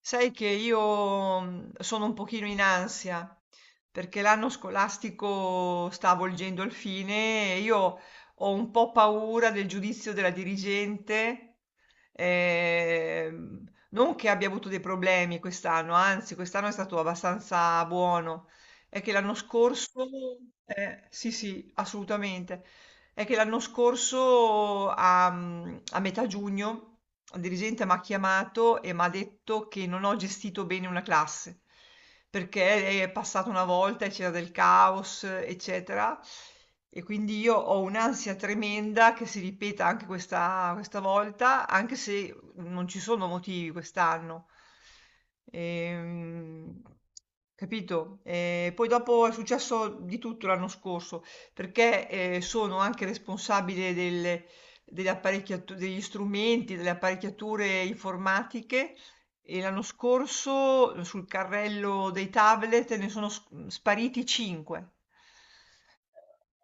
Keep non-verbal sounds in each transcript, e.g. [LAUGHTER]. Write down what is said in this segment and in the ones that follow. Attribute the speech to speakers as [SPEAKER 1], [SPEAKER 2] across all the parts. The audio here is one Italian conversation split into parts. [SPEAKER 1] Sai che io sono un pochino in ansia perché l'anno scolastico sta avvolgendo il fine e io ho un po' paura del giudizio della dirigente, ehm, non che abbia avuto dei problemi quest'anno, anzi quest'anno è stato abbastanza buono, è che l'anno scorso, sì, sì, assolutamente, è che l'anno scorso a, a metà giugno il dirigente mi ha chiamato e mi ha detto che non ho gestito bene una classe perché è passata una volta e c'era del caos, eccetera. E quindi io ho un'ansia tremenda che si ripeta anche questa volta, anche se non ci sono motivi quest'anno. Ehm, Capito? E poi dopo è successo di tutto l'anno scorso perché, sono anche responsabile delle apparecchiatu degli strumenti, delle apparecchiature informatiche e l'anno scorso sul carrello dei tablet ne sono spariti 5.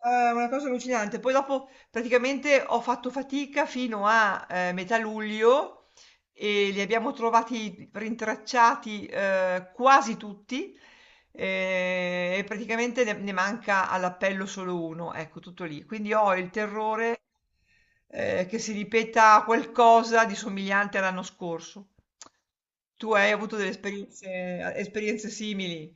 [SPEAKER 1] È una cosa allucinante. Poi dopo praticamente ho fatto fatica fino a, metà luglio e li abbiamo trovati rintracciati quasi tutti e praticamente ne manca all'appello solo uno, ecco tutto lì. Quindi ho il terrore che si ripeta qualcosa di somigliante all'anno scorso. Tu hai avuto delle esperienze, esperienze simili?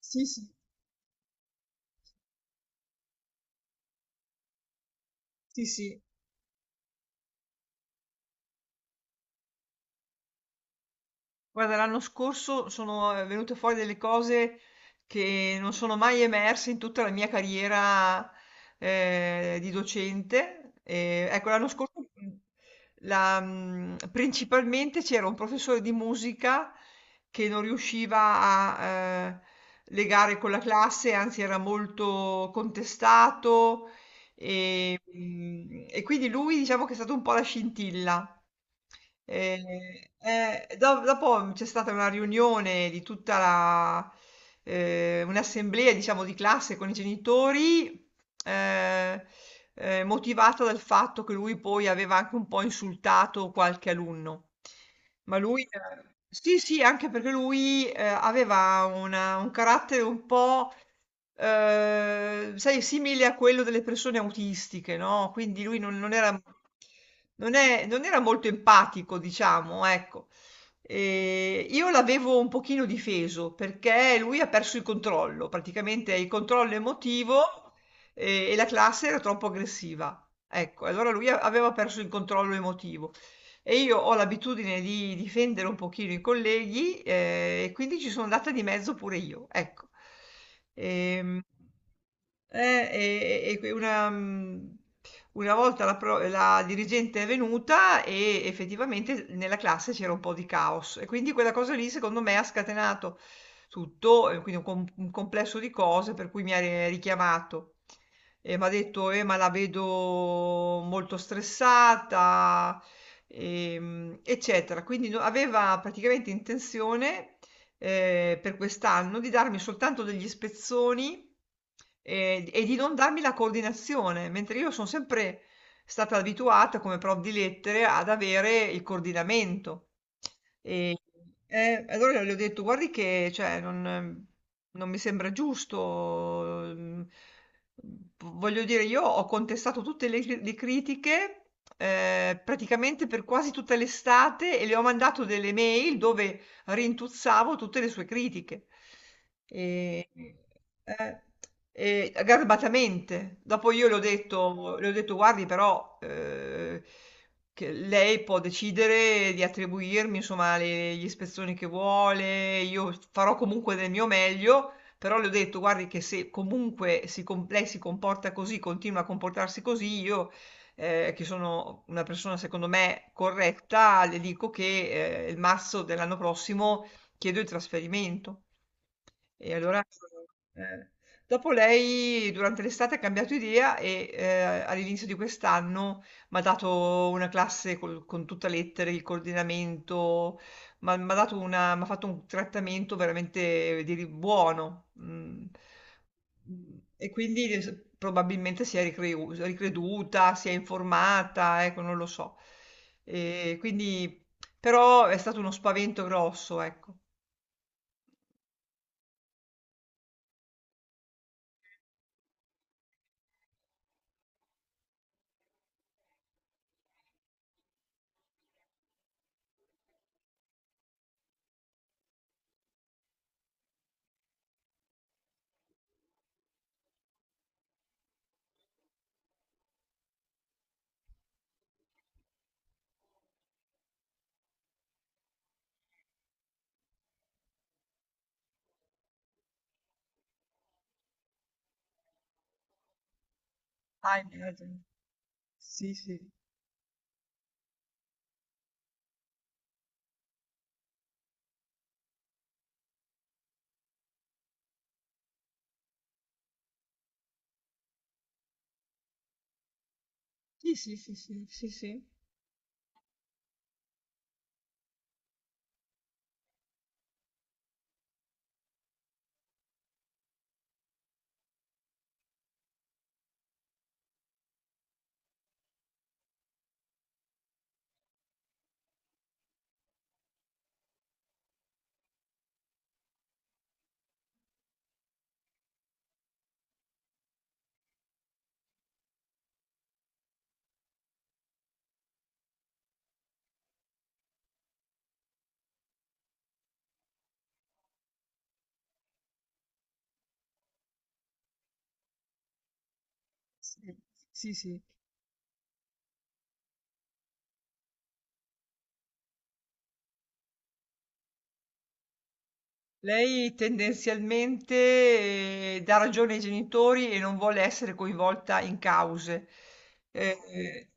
[SPEAKER 1] Sì, sì, sì, sì. Guarda, l'anno scorso sono venute fuori delle cose che non sono mai emerse in tutta la mia carriera di docente. E, ecco, l'anno scorso principalmente c'era un professore di musica che non riusciva a eh, legare con la classe, anzi era molto contestato, e, e quindi lui diciamo che è stato un po' la scintilla. Eh, dopo c'è stata una riunione di un'assemblea, diciamo, di classe con i genitori, eh, motivata dal fatto che lui poi aveva anche un po' insultato qualche alunno. Ma lui, sì, sì, anche perché lui aveva un carattere un po', sai, simile a quello delle persone autistiche, no? Quindi lui non era, non era molto empatico, diciamo, ecco. E io l'avevo un pochino difeso perché lui ha perso il controllo, praticamente il controllo emotivo e la classe era troppo aggressiva. Ecco, allora lui aveva perso il controllo emotivo. E io ho l'abitudine di difendere un pochino i colleghi, e quindi ci sono andata di mezzo pure io, ecco. Ehm e que una una volta la dirigente è venuta e effettivamente nella classe c'era un po' di caos e quindi quella cosa lì secondo me ha scatenato tutto, e quindi un complesso di cose per cui mi ha ri richiamato e m'ha detto: ma la vedo molto stressata, eccetera". Quindi aveva praticamente intenzione per quest'anno di darmi soltanto degli spezzoni e di non darmi la coordinazione, mentre io sono sempre stata abituata come prof di lettere ad avere il coordinamento. E, allora le ho detto, guardi che cioè, non mi sembra giusto. Voglio dire, io ho contestato tutte le critiche praticamente per quasi tutta l'estate e le ho mandato delle mail dove rintuzzavo tutte le sue critiche. E, eh, e garbatamente. Dopo io le ho detto, guardi, però che lei può decidere di attribuirmi, insomma, gli ispezioni che vuole, io farò comunque del mio meglio. Però le ho detto, guardi, che se comunque lei si comporta così, continua a comportarsi così, io che sono una persona secondo me corretta, le dico che il marzo dell'anno prossimo chiedo il trasferimento. E allora, eh, dopo lei durante l'estate ha cambiato idea e all'inizio di quest'anno mi ha dato una classe con tutta lettere, il coordinamento, ma mi ha dato m'ha fatto un trattamento veramente buono. Mm. E quindi probabilmente si è ricreduta, si è informata, ecco, non lo so. E quindi, però è stato uno spavento grosso, ecco. Ah, immagino. Sì, sì. Sì, sì, sì, sì, sì, sì. Sì, sì, sì. Lei tendenzialmente dà ragione ai genitori e non vuole essere coinvolta in cause. Eh,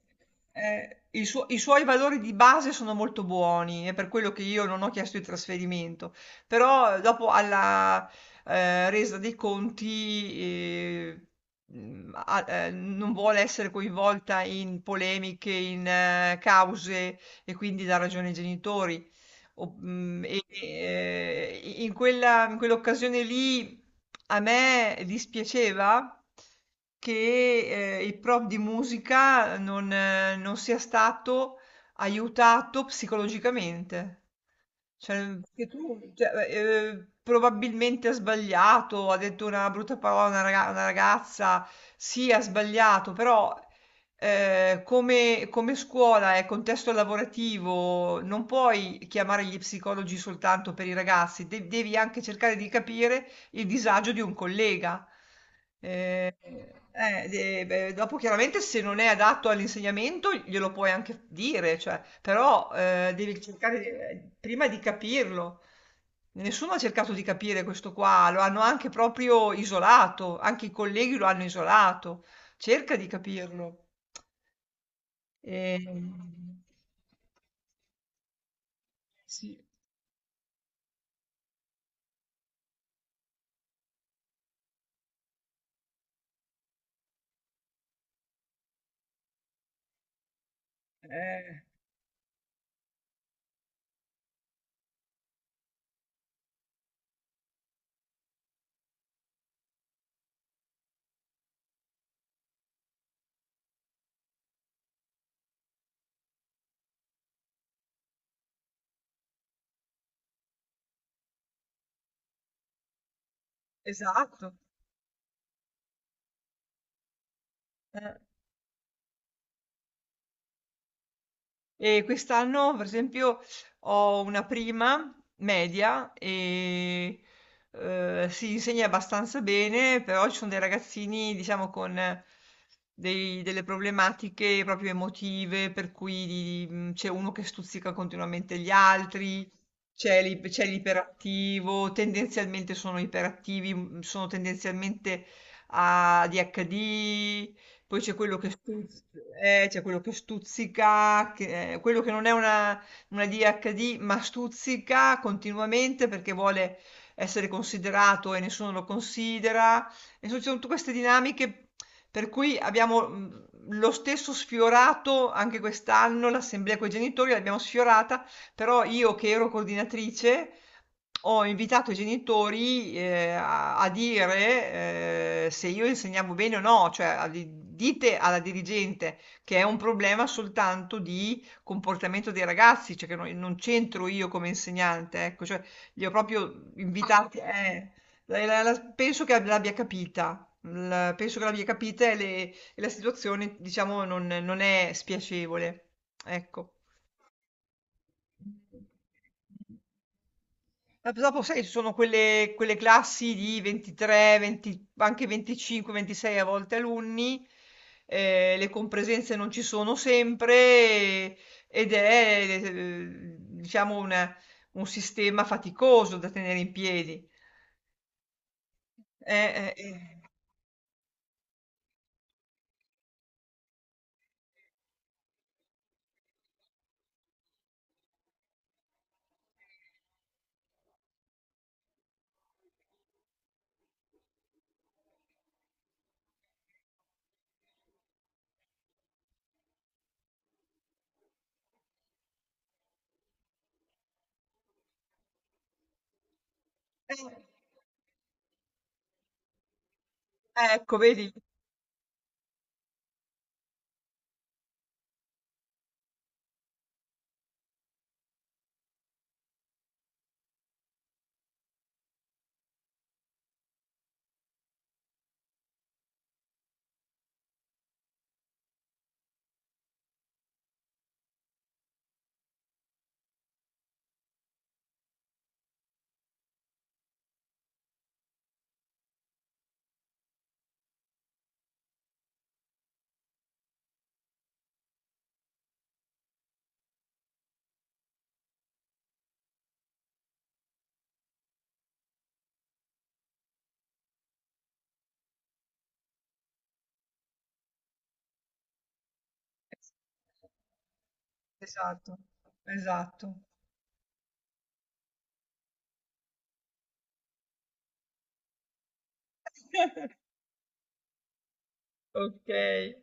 [SPEAKER 1] i suoi valori di base sono molto buoni, è per quello che io non ho chiesto il trasferimento, però dopo alla resa dei conti non vuole essere coinvolta in polemiche, in cause e quindi dà ragione ai genitori. O- mm, e- e- in in quell'occasione lì a me dispiaceva che il prof di musica non sia stato aiutato psicologicamente. Cioè, che tu, cioè, probabilmente ha sbagliato, ha detto una brutta parola a una, una ragazza, sì, ha sbagliato, però come scuola e contesto lavorativo non puoi chiamare gli psicologi soltanto per i ragazzi, devi anche cercare di capire il disagio di un collega. Beh, dopo chiaramente se non è adatto all'insegnamento glielo puoi anche dire, cioè, però devi cercare prima di capirlo. Nessuno ha cercato di capire questo qua, lo hanno anche proprio isolato, anche i colleghi lo hanno isolato. Cerca di capirlo. E- sì, eh, esatto. Eh. E quest'anno, per esempio, ho una prima media e si insegna abbastanza bene, però ci sono dei ragazzini, diciamo, con delle problematiche proprio emotive, per cui c'è uno che stuzzica continuamente gli altri, c'è l'iperattivo, tendenzialmente sono iperattivi, sono tendenzialmente ah, a ADHD, poi c'è quello che c'è quello che stuzzica, quello che non è una DHD, ma stuzzica continuamente perché vuole essere considerato e nessuno lo considera. E ci sono tutte queste dinamiche per cui abbiamo lo stesso sfiorato anche quest'anno l'assemblea con i genitori, l'abbiamo sfiorata, però io che ero coordinatrice ho invitato i genitori, a dire, se io insegnavo bene o no, cioè a di dite alla dirigente che è un problema soltanto di comportamento dei ragazzi, cioè che non c'entro io come insegnante, ecco, cioè li ho proprio Ah, invitati la penso che l'abbia capita. L penso che l'abbia capita e le e la situazione diciamo non è spiacevole, ecco. Ma p dopo sai, ci sono quelle classi di 23, 20 anche 25, 26 a volte alunni, le compresenze non ci sono sempre ed è, diciamo un sistema faticoso da tenere in piedi. Eh. Eh, ecco vedi? Esatto, esatto. [LAUGHS] Okay.